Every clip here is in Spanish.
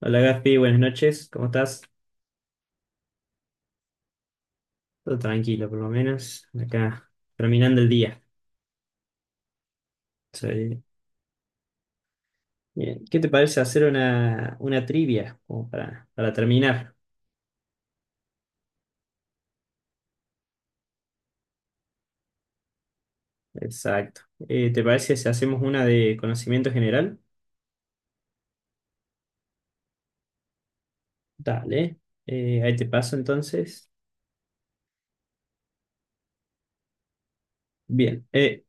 Hola Gaspi, buenas noches, ¿cómo estás? Todo tranquilo, por lo menos. Acá, terminando el día. Soy- Bien. ¿Qué te parece hacer una trivia como para terminar? Exacto. ¿Te parece si hacemos una de conocimiento general? Dale. Ahí te paso entonces. Bien.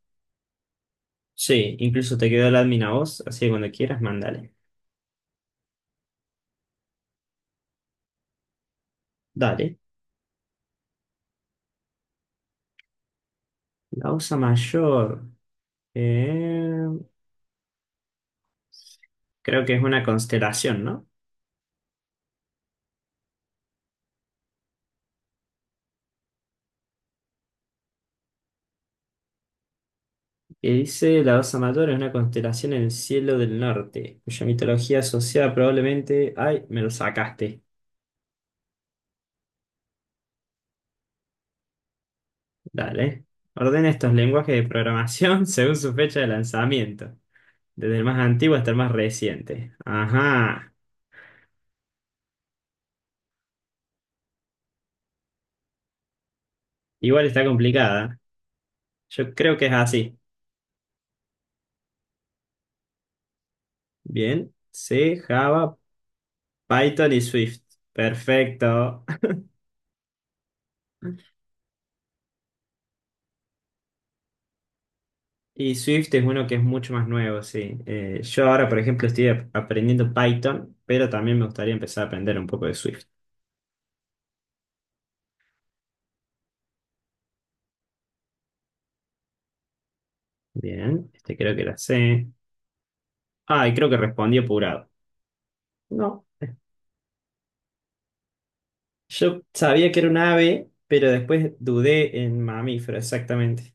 Sí, incluso te quedó el admin a vos, así que cuando quieras, mándale. Dale. La osa mayor. eh, creo que es una constelación, ¿no? Que dice la Osa Mayor es una constelación en el cielo del norte, cuya mitología asociada probablemente... ¡Ay, me lo sacaste! Dale. Ordena estos lenguajes de programación según su fecha de lanzamiento, desde el más antiguo hasta el más reciente. Ajá. Igual está complicada. Yo creo que es así. Bien. C, Java, Python y Swift. Perfecto. Y Swift es uno que es mucho más nuevo, sí. Yo ahora, por ejemplo, estoy aprendiendo Python, pero también me gustaría empezar a aprender un poco de Swift. Bien, este creo que la sé. Ah, y creo que respondí apurado. No, yo sabía que era un ave, pero después dudé en mamífero, exactamente.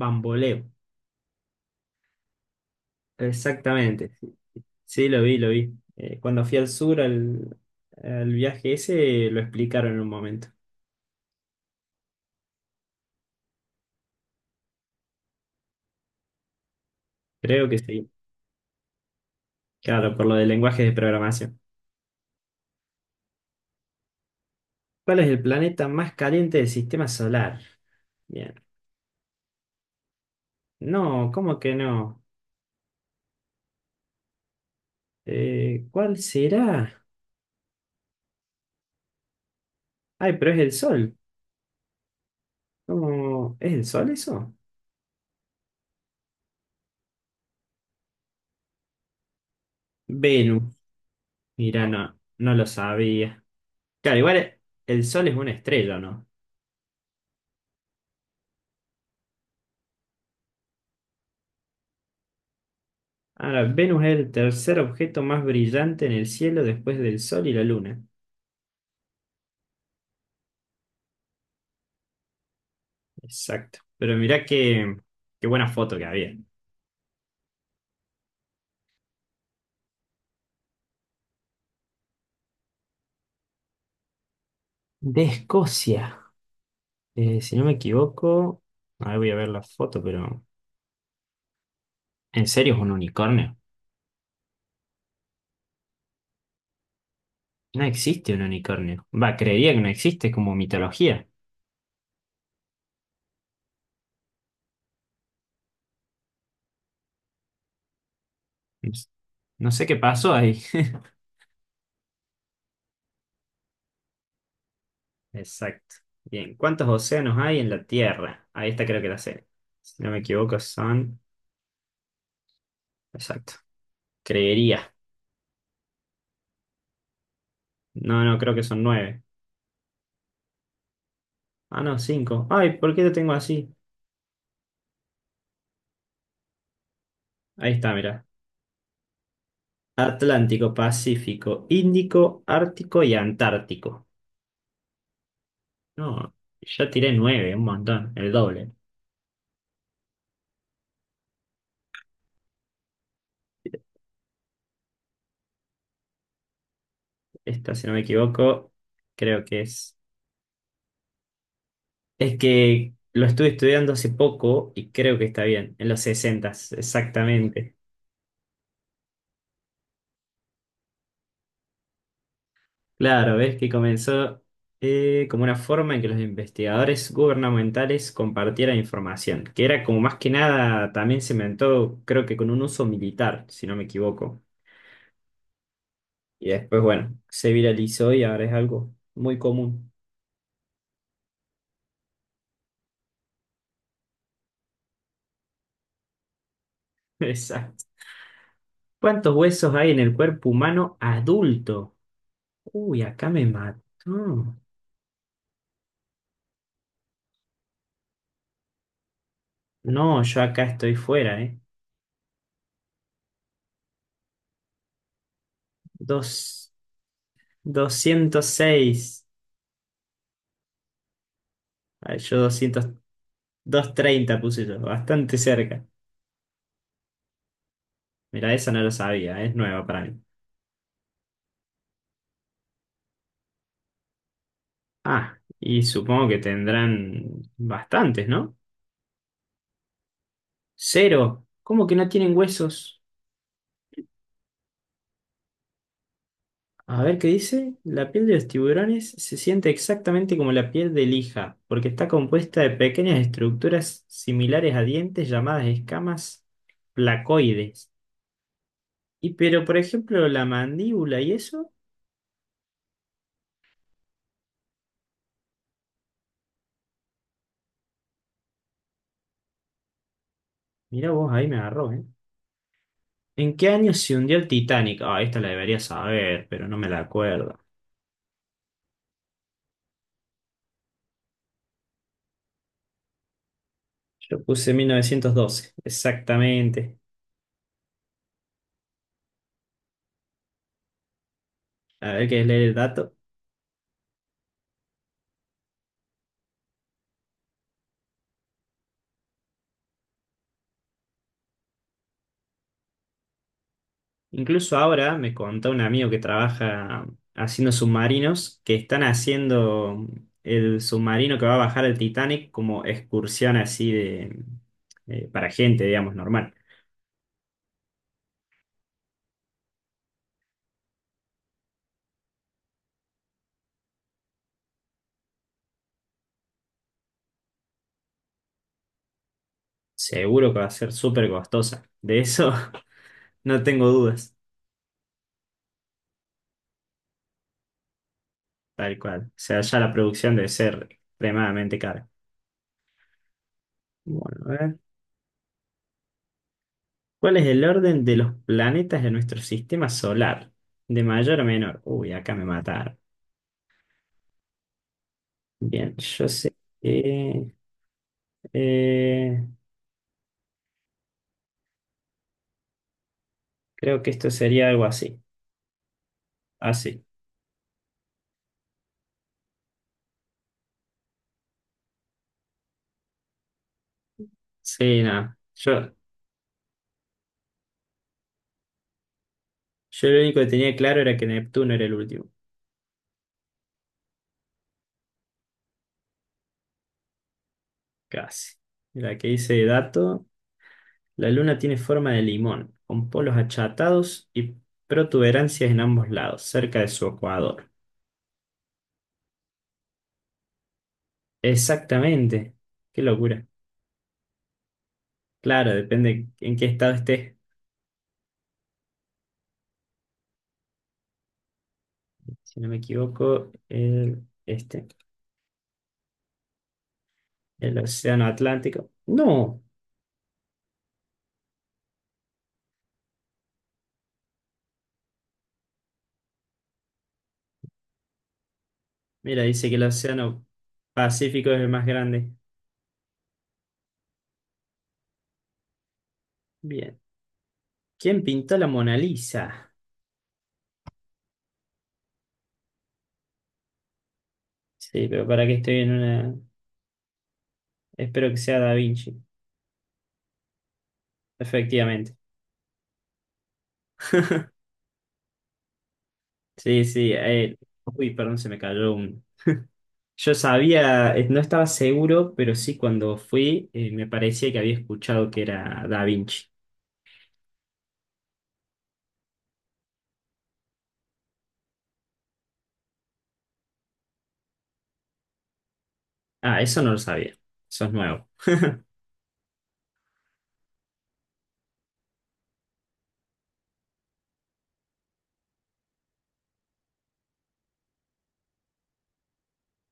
Bamboleo, exactamente. Sí, sí, lo vi, lo vi. Cuando fui al sur, al viaje ese, lo explicaron en un momento. Creo que sí. Claro, por lo del lenguaje de programación. ¿Cuál es el planeta más caliente del sistema solar? Bien. No, ¿cómo que no? ¿Cuál será? Ay, pero es el Sol. ¿Cómo? ¿Es el Sol eso? Venus. Mira, no, no lo sabía. Claro, igual el Sol es una estrella, ¿no? Ahora, Venus es el tercer objeto más brillante en el cielo después del Sol y la Luna. Exacto. Pero mirá qué buena foto que había. De Escocia. Si no me equivoco, ahora voy a ver la foto, pero... ¿En serio es un unicornio? No existe un unicornio. Va, creería que no existe, es como mitología. No s- no sé qué pasó ahí. Exacto. Bien, ¿cuántos océanos hay en la Tierra? Ahí está, creo que la sé. Si no me equivoco, son... Exacto. Creería. No, no, creo que son nueve. Ah, no, cinco. Ay, ¿por qué lo tengo así? Ahí está, mira. Atlántico, Pacífico, Índico, Ártico y Antártico. No, yo tiré nueve, un montón, el doble. Esta, si no me equivoco, creo que es. Es que lo estuve estudiando hace poco y creo que está bien, en los sesentas exactamente. Claro, ves que comenzó como una forma en que los investigadores gubernamentales compartieran información, que era como más que nada, también se inventó, creo que con un uso militar, si no me equivoco. Y después, bueno, se viralizó y ahora es algo muy común. Exacto. ¿Cuántos huesos hay en el cuerpo humano adulto? Uy, acá me mató. No, yo acá estoy fuera, ¿eh? Dos, 206. Ay, yo 200, treinta puse yo, bastante cerca. Mira, esa no lo sabía, es nueva para mí. Ah, y supongo que tendrán bastantes, ¿no? Cero. ¿Cómo que no tienen huesos? A ver qué dice. La piel de los tiburones se siente exactamente como la piel de lija, porque está compuesta de pequeñas estructuras similares a dientes llamadas escamas placoides. Y pero, por ejemplo, la mandíbula y eso, mira vos, ahí me agarró, ¿eh? ¿En qué año se hundió el Titanic? Ah, esta la debería saber, pero no me la acuerdo. Yo puse 1912, exactamente. A ver, ¿qué es leer el dato? Incluso ahora me contó un amigo que trabaja haciendo submarinos que están haciendo el submarino que va a bajar el Titanic como excursión así de para gente, digamos, normal. Seguro que va a ser súper costosa. De eso no tengo dudas. Tal cual. O sea, ya la producción debe ser extremadamente cara. Bueno, a ver. ¿Cuál es el orden de los planetas de nuestro sistema solar? De mayor a menor. Uy, acá me mataron. Bien, yo sé que... eh, creo que esto sería algo así. Así. Sí, nada. Yo lo único que tenía claro era que Neptuno era el último. Casi. Mira, que dice dato. La luna tiene forma de limón, con polos achatados y protuberancias en ambos lados, cerca de su ecuador. Exactamente. Qué locura. Claro, depende en qué estado estés. Si no me equivoco, el Océano Atlántico. No. Mira, dice que el Océano Pacífico es el más grande. Bien. ¿Quién pintó la Mona Lisa? Sí, pero para que estoy en una... Espero que sea Da Vinci. Efectivamente. Sí, sí. Uy, perdón, se me cayó un... Yo sabía, no estaba seguro, pero sí cuando fui me parecía que había escuchado que era Da Vinci. Ah, eso no lo sabía. Eso es nuevo.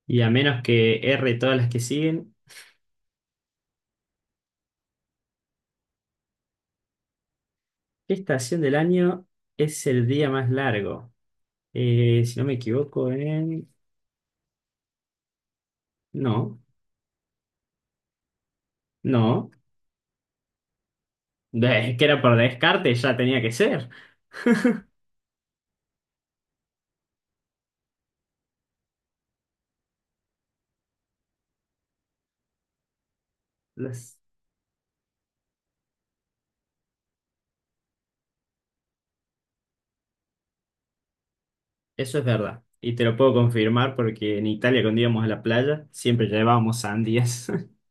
Y a menos que erre todas las que siguen, ¿qué estación del año es el día más largo? Si no me equivoco, en... No, no. Es que era por descarte, ya tenía que ser. Las- Eso es verdad. Y te lo puedo confirmar porque en Italia cuando íbamos a la playa siempre llevábamos sandías.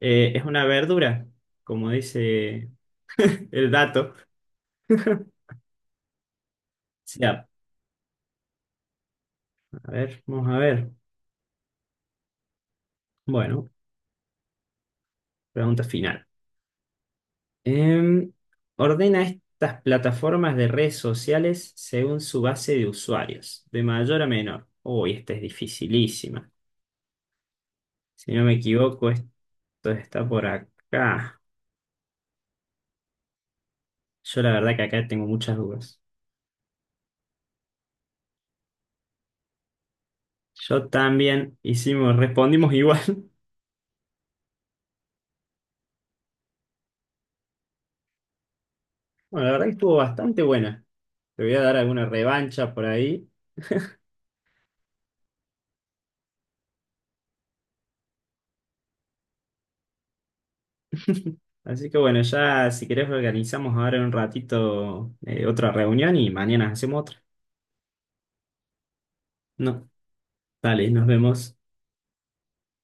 Es una verdura, como dice el dato. Sí, a ver, vamos a ver. Bueno, pregunta final. Em, ordena estas plataformas de redes sociales según su base de usuarios, de mayor a menor. Uy, esta es dificilísima. Si no me equivoco, esto está por acá. Yo la verdad que acá tengo muchas dudas. Yo también hicimos, respondimos igual. Bueno, la verdad que estuvo bastante buena. Te voy a dar alguna revancha por ahí. Así que bueno, ya si querés organizamos ahora en un ratito otra reunión y mañana hacemos otra. No, dale, nos vemos.